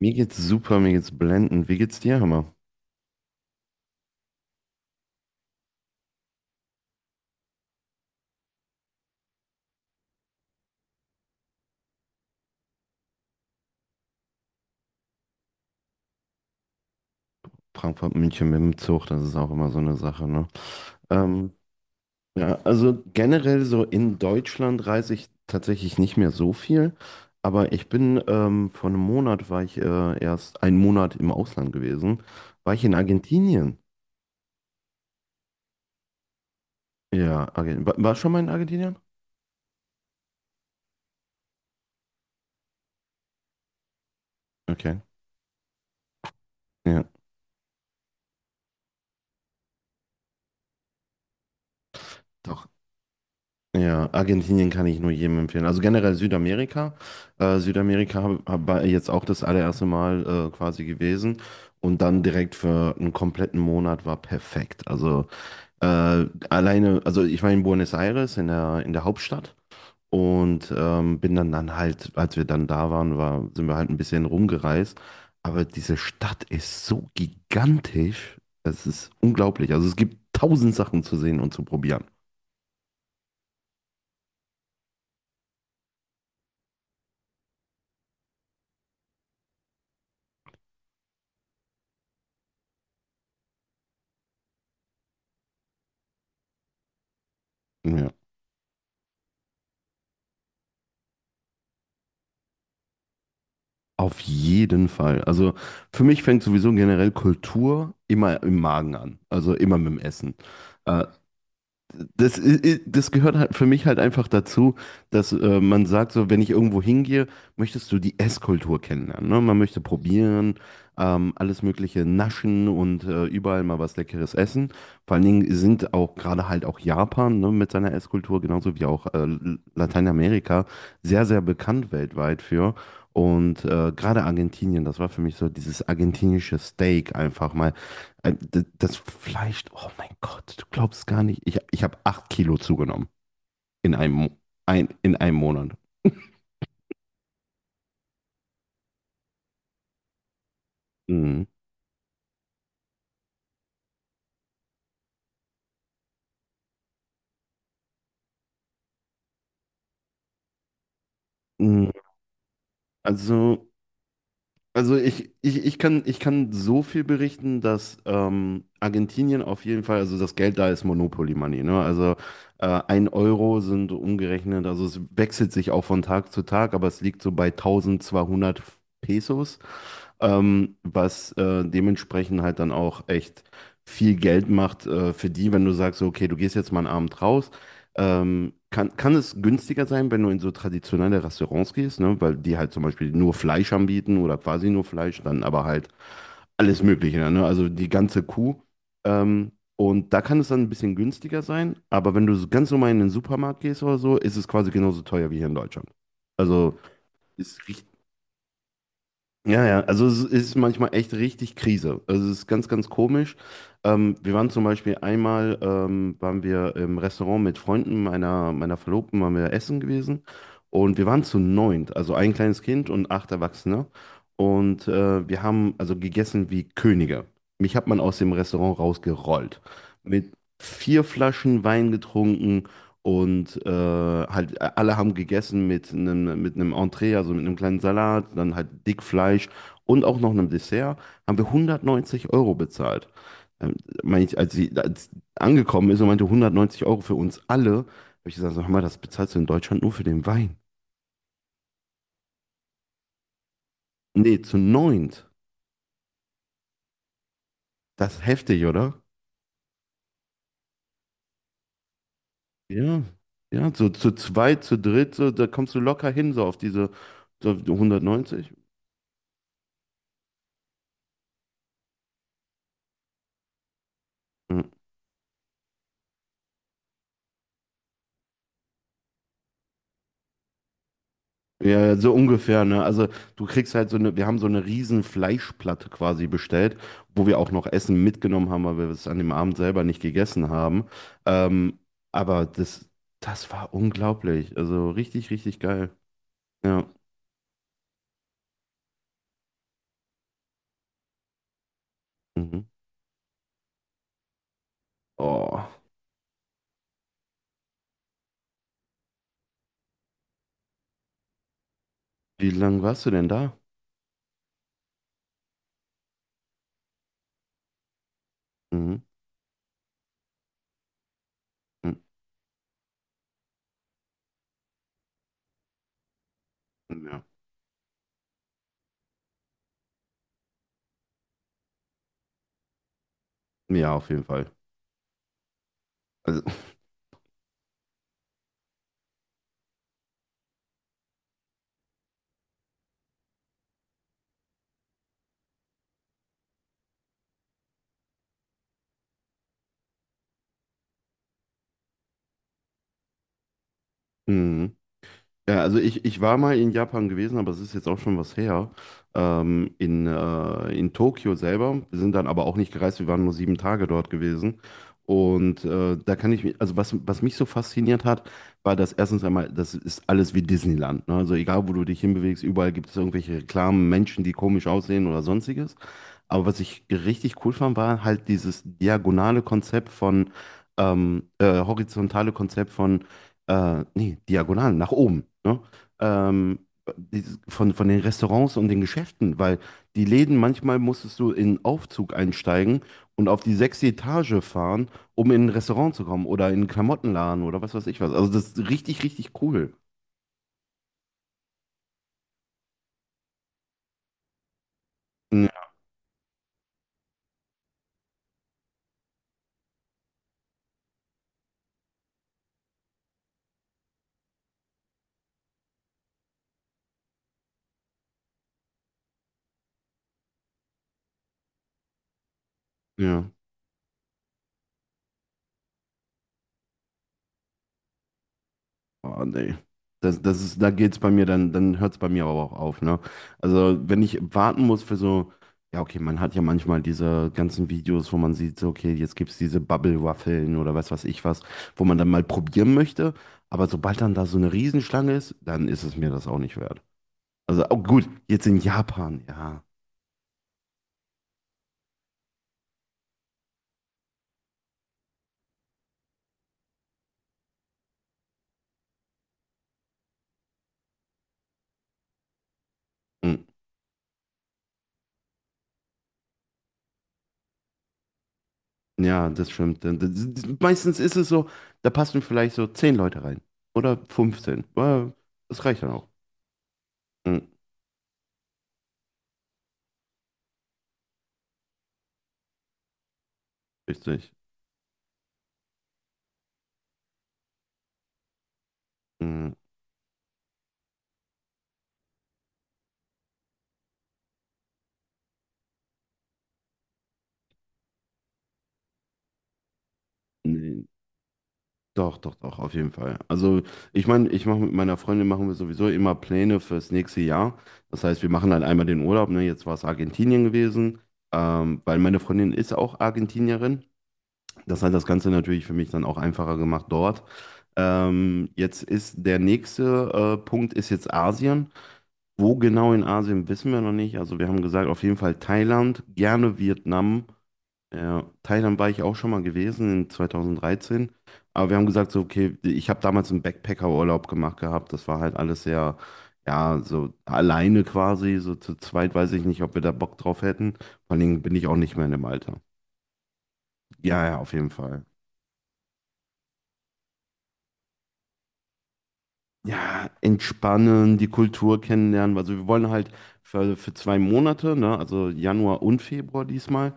Mir geht's super, mir geht's blendend. Wie geht's dir, Hammer? Frankfurt, München mit dem Zug, das ist auch immer so eine Sache, ne? Ähm, ja, also generell so in Deutschland reise ich tatsächlich nicht mehr so viel, aber ich bin vor einem Monat war ich erst einen Monat im Ausland gewesen, war ich in Argentinien. Ja, Argentinien. War schon mal in Argentinien? Okay. Ja. Doch. Ja, Argentinien kann ich nur jedem empfehlen. Also generell Südamerika. Südamerika war jetzt auch das allererste Mal quasi gewesen. Und dann direkt für einen kompletten Monat war perfekt. Also alleine, also ich war in Buenos Aires, in der Hauptstadt. Und bin dann, dann halt, als wir dann da waren, sind wir halt ein bisschen rumgereist. Aber diese Stadt ist so gigantisch. Es ist unglaublich. Also es gibt tausend Sachen zu sehen und zu probieren. Ja. Auf jeden Fall. Also für mich fängt sowieso generell Kultur immer im Magen an, also immer mit dem Essen. Äh, Das gehört halt für mich halt einfach dazu, dass man sagt, so, wenn ich irgendwo hingehe, möchtest du die Esskultur kennenlernen. Ne? Man möchte probieren, alles Mögliche naschen und überall mal was Leckeres essen. Vor allen Dingen sind auch gerade halt auch Japan ne, mit seiner Esskultur, genauso wie auch Lateinamerika, sehr, sehr bekannt weltweit für. Und gerade Argentinien, das war für mich so dieses argentinische Steak einfach mal. Das Fleisch, oh mein Gott, du glaubst gar nicht. Ich habe 8 Kilo zugenommen in einem, Mo- in einem Monat. Mhm. Mhm. Also, also ich kann so viel berichten, dass Argentinien auf jeden Fall, also das Geld da ist Monopoly Money, ne? Also ein Euro sind umgerechnet, also es wechselt sich auch von Tag zu Tag, aber es liegt so bei 1.200 Pesos, was dementsprechend halt dann auch echt viel Geld macht für die, wenn du sagst, so, okay, du gehst jetzt mal einen Abend raus. Kann es günstiger sein, wenn du in so traditionelle Restaurants gehst, ne? Weil die halt zum Beispiel nur Fleisch anbieten oder quasi nur Fleisch, dann aber halt alles Mögliche, ne? Also die ganze Kuh. Ähm, und da kann es dann ein bisschen günstiger sein, aber wenn du so ganz normal in den Supermarkt gehst oder so, ist es quasi genauso teuer wie hier in Deutschland. Also ist richtig. Ja, ja, also es ist manchmal echt richtig Krise. Also es ist ganz, ganz komisch. Wir waren zum Beispiel einmal, waren wir im Restaurant mit Freunden meiner Verlobten, waren wir essen gewesen. Und wir waren zu neunt, also ein kleines Kind und acht Erwachsene. Und wir haben also gegessen wie Könige. Mich hat man aus dem Restaurant rausgerollt. Mit vier Flaschen Wein getrunken, und halt alle haben gegessen mit einem Entree, also mit einem kleinen Salat, dann halt Dickfleisch und auch noch einem Dessert, haben wir 190 € bezahlt. Ähm, Meine ich, als sie angekommen ist und meinte 190 € für uns alle, habe ich gesagt, sag mal, das bezahlst du in Deutschland nur für den Wein. Nee, zu neunt. Das ist heftig, oder? Ja, ja, so zu zweit, zu dritt, so, da kommst du locker hin, so auf die 190. Ja, ja, so ungefähr, ne? Also du kriegst halt so eine, wir haben so eine riesen Fleischplatte quasi bestellt, wo wir auch noch Essen mitgenommen haben, weil wir es an dem Abend selber nicht gegessen haben. Ähm, aber das war unglaublich. Also richtig, richtig geil. Ja. Mhm. Oh, wie lange warst du denn da? Mhm. Mhm. Ja. Ja, auf jeden Fall. Also, mhm. Ja, also ich war mal in Japan gewesen, aber es ist jetzt auch schon was her. In Tokio selber. Wir sind dann aber auch nicht gereist, wir waren nur 7 Tage dort gewesen. Und da kann ich mich, also was mich so fasziniert hat, war das erstens einmal, das ist alles wie Disneyland. Ne? Also egal, wo du dich hinbewegst, überall gibt es irgendwelche Reklamen, Menschen, die komisch aussehen oder sonstiges. Aber was ich richtig cool fand, war halt dieses diagonale Konzept von, horizontale Konzept von, nee, diagonal, nach oben, ne? Ähm, von den Restaurants und den Geschäften, weil die Läden, manchmal musstest du in einen Aufzug einsteigen und auf die sechste Etage fahren, um in ein Restaurant zu kommen oder in einen Klamottenladen oder was weiß ich was. Also das ist richtig, richtig cool. Ja. Ja. Oh, nee. Da geht's bei mir, dann hört's bei mir aber auch auf, ne? Also, wenn ich warten muss für so, ja, okay, man hat ja manchmal diese ganzen Videos, wo man sieht, so, okay, jetzt gibt's diese Bubble-Waffeln oder was weiß ich was, wo man dann mal probieren möchte, aber sobald dann da so eine Riesenschlange ist, dann ist es mir das auch nicht wert. Also, oh, gut, jetzt in Japan, ja. Mm. Ja, das stimmt. Meistens ist es so, da passen vielleicht so 10 Leute rein. Oder 15. Ja, das reicht dann auch. Mm. Richtig. Mm. Nee, doch, doch, doch, auf jeden Fall. Also, ich meine, ich mache mit meiner Freundin machen wir sowieso immer Pläne fürs nächste Jahr. Das heißt, wir machen dann einmal den Urlaub, ne? Jetzt war es Argentinien gewesen, weil meine Freundin ist auch Argentinierin. Das hat das Ganze natürlich für mich dann auch einfacher gemacht dort. Jetzt ist der nächste Punkt ist jetzt Asien. Wo genau in Asien wissen wir noch nicht. Also wir haben gesagt, auf jeden Fall Thailand, gerne Vietnam. Ja, Thailand war ich auch schon mal gewesen in 2013. Aber wir haben gesagt, so, okay, ich habe damals einen Backpacker-Urlaub gemacht gehabt. Das war halt alles sehr, ja, so alleine quasi. So zu zweit weiß ich nicht, ob wir da Bock drauf hätten. Vor allen Dingen bin ich auch nicht mehr in dem Alter. Ja, ja, auf jeden Fall. Ja, entspannen, die Kultur kennenlernen. Also wir wollen halt für 2 Monate, ne, also Januar und Februar diesmal.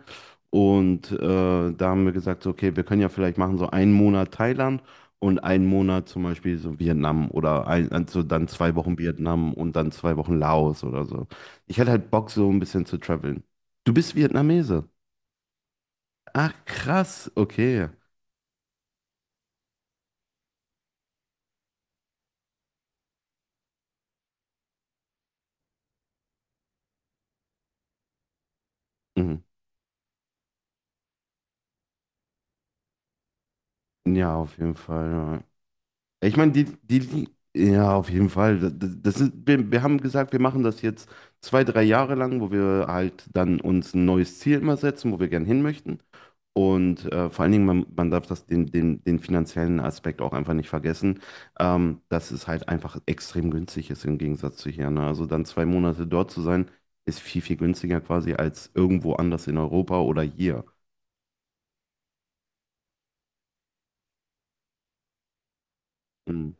Und da haben wir gesagt, so, okay, wir können ja vielleicht machen so einen Monat Thailand und einen Monat zum Beispiel so Vietnam oder also dann 2 Wochen Vietnam und dann 2 Wochen Laos oder so. Ich hätte halt Bock, so ein bisschen zu traveln. Du bist Vietnamese. Ach, krass, okay. Mhm. Ja, auf jeden Fall. Ja. Ich meine, ja, auf jeden Fall. Wir haben gesagt, wir machen das jetzt zwei, drei Jahre lang, wo wir halt dann uns ein neues Ziel immer setzen, wo wir gern hin möchten. Und vor allen Dingen, man darf das den finanziellen Aspekt auch einfach nicht vergessen, dass es halt einfach extrem günstig ist im Gegensatz zu hier. Ne? Also dann 2 Monate dort zu sein, ist viel, viel günstiger quasi als irgendwo anders in Europa oder hier. Mhm.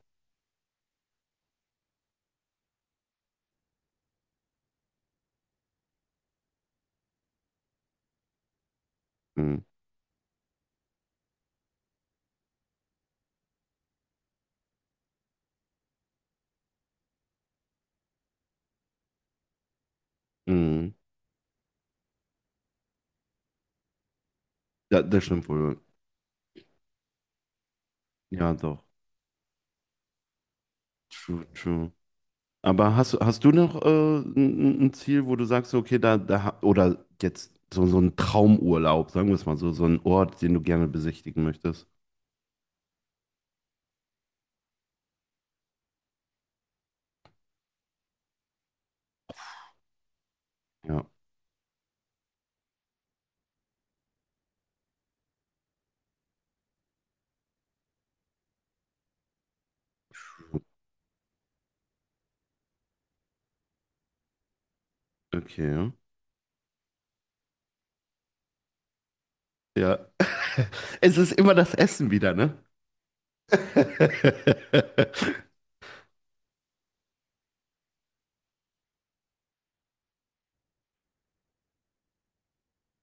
Mhm. Mhm. Ja, das stimmt wohl. Ja, doch. True, true. Aber hast du noch ein Ziel, wo du sagst, okay, oder jetzt so, so ein Traumurlaub, sagen wir es mal so, so ein Ort, den du gerne besichtigen möchtest? Ja, okay. Ja. Es ist immer das Essen wieder, ne?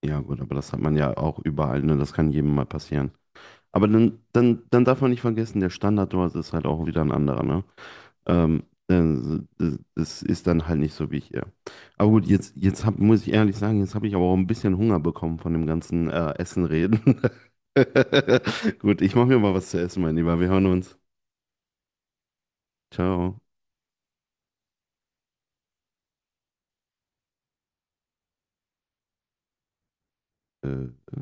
Ja, gut, aber das hat man ja auch überall, ne? Das kann jedem mal passieren. Aber dann darf man nicht vergessen, der Standard dort ist halt auch wieder ein anderer, ne? Das ist dann halt nicht so wie hier. Aber gut, muss ich ehrlich sagen, jetzt habe ich aber auch ein bisschen Hunger bekommen von dem ganzen Essen reden. Gut, ich mache mir mal was zu essen, mein Lieber. Wir hören uns. Ciao. Äh.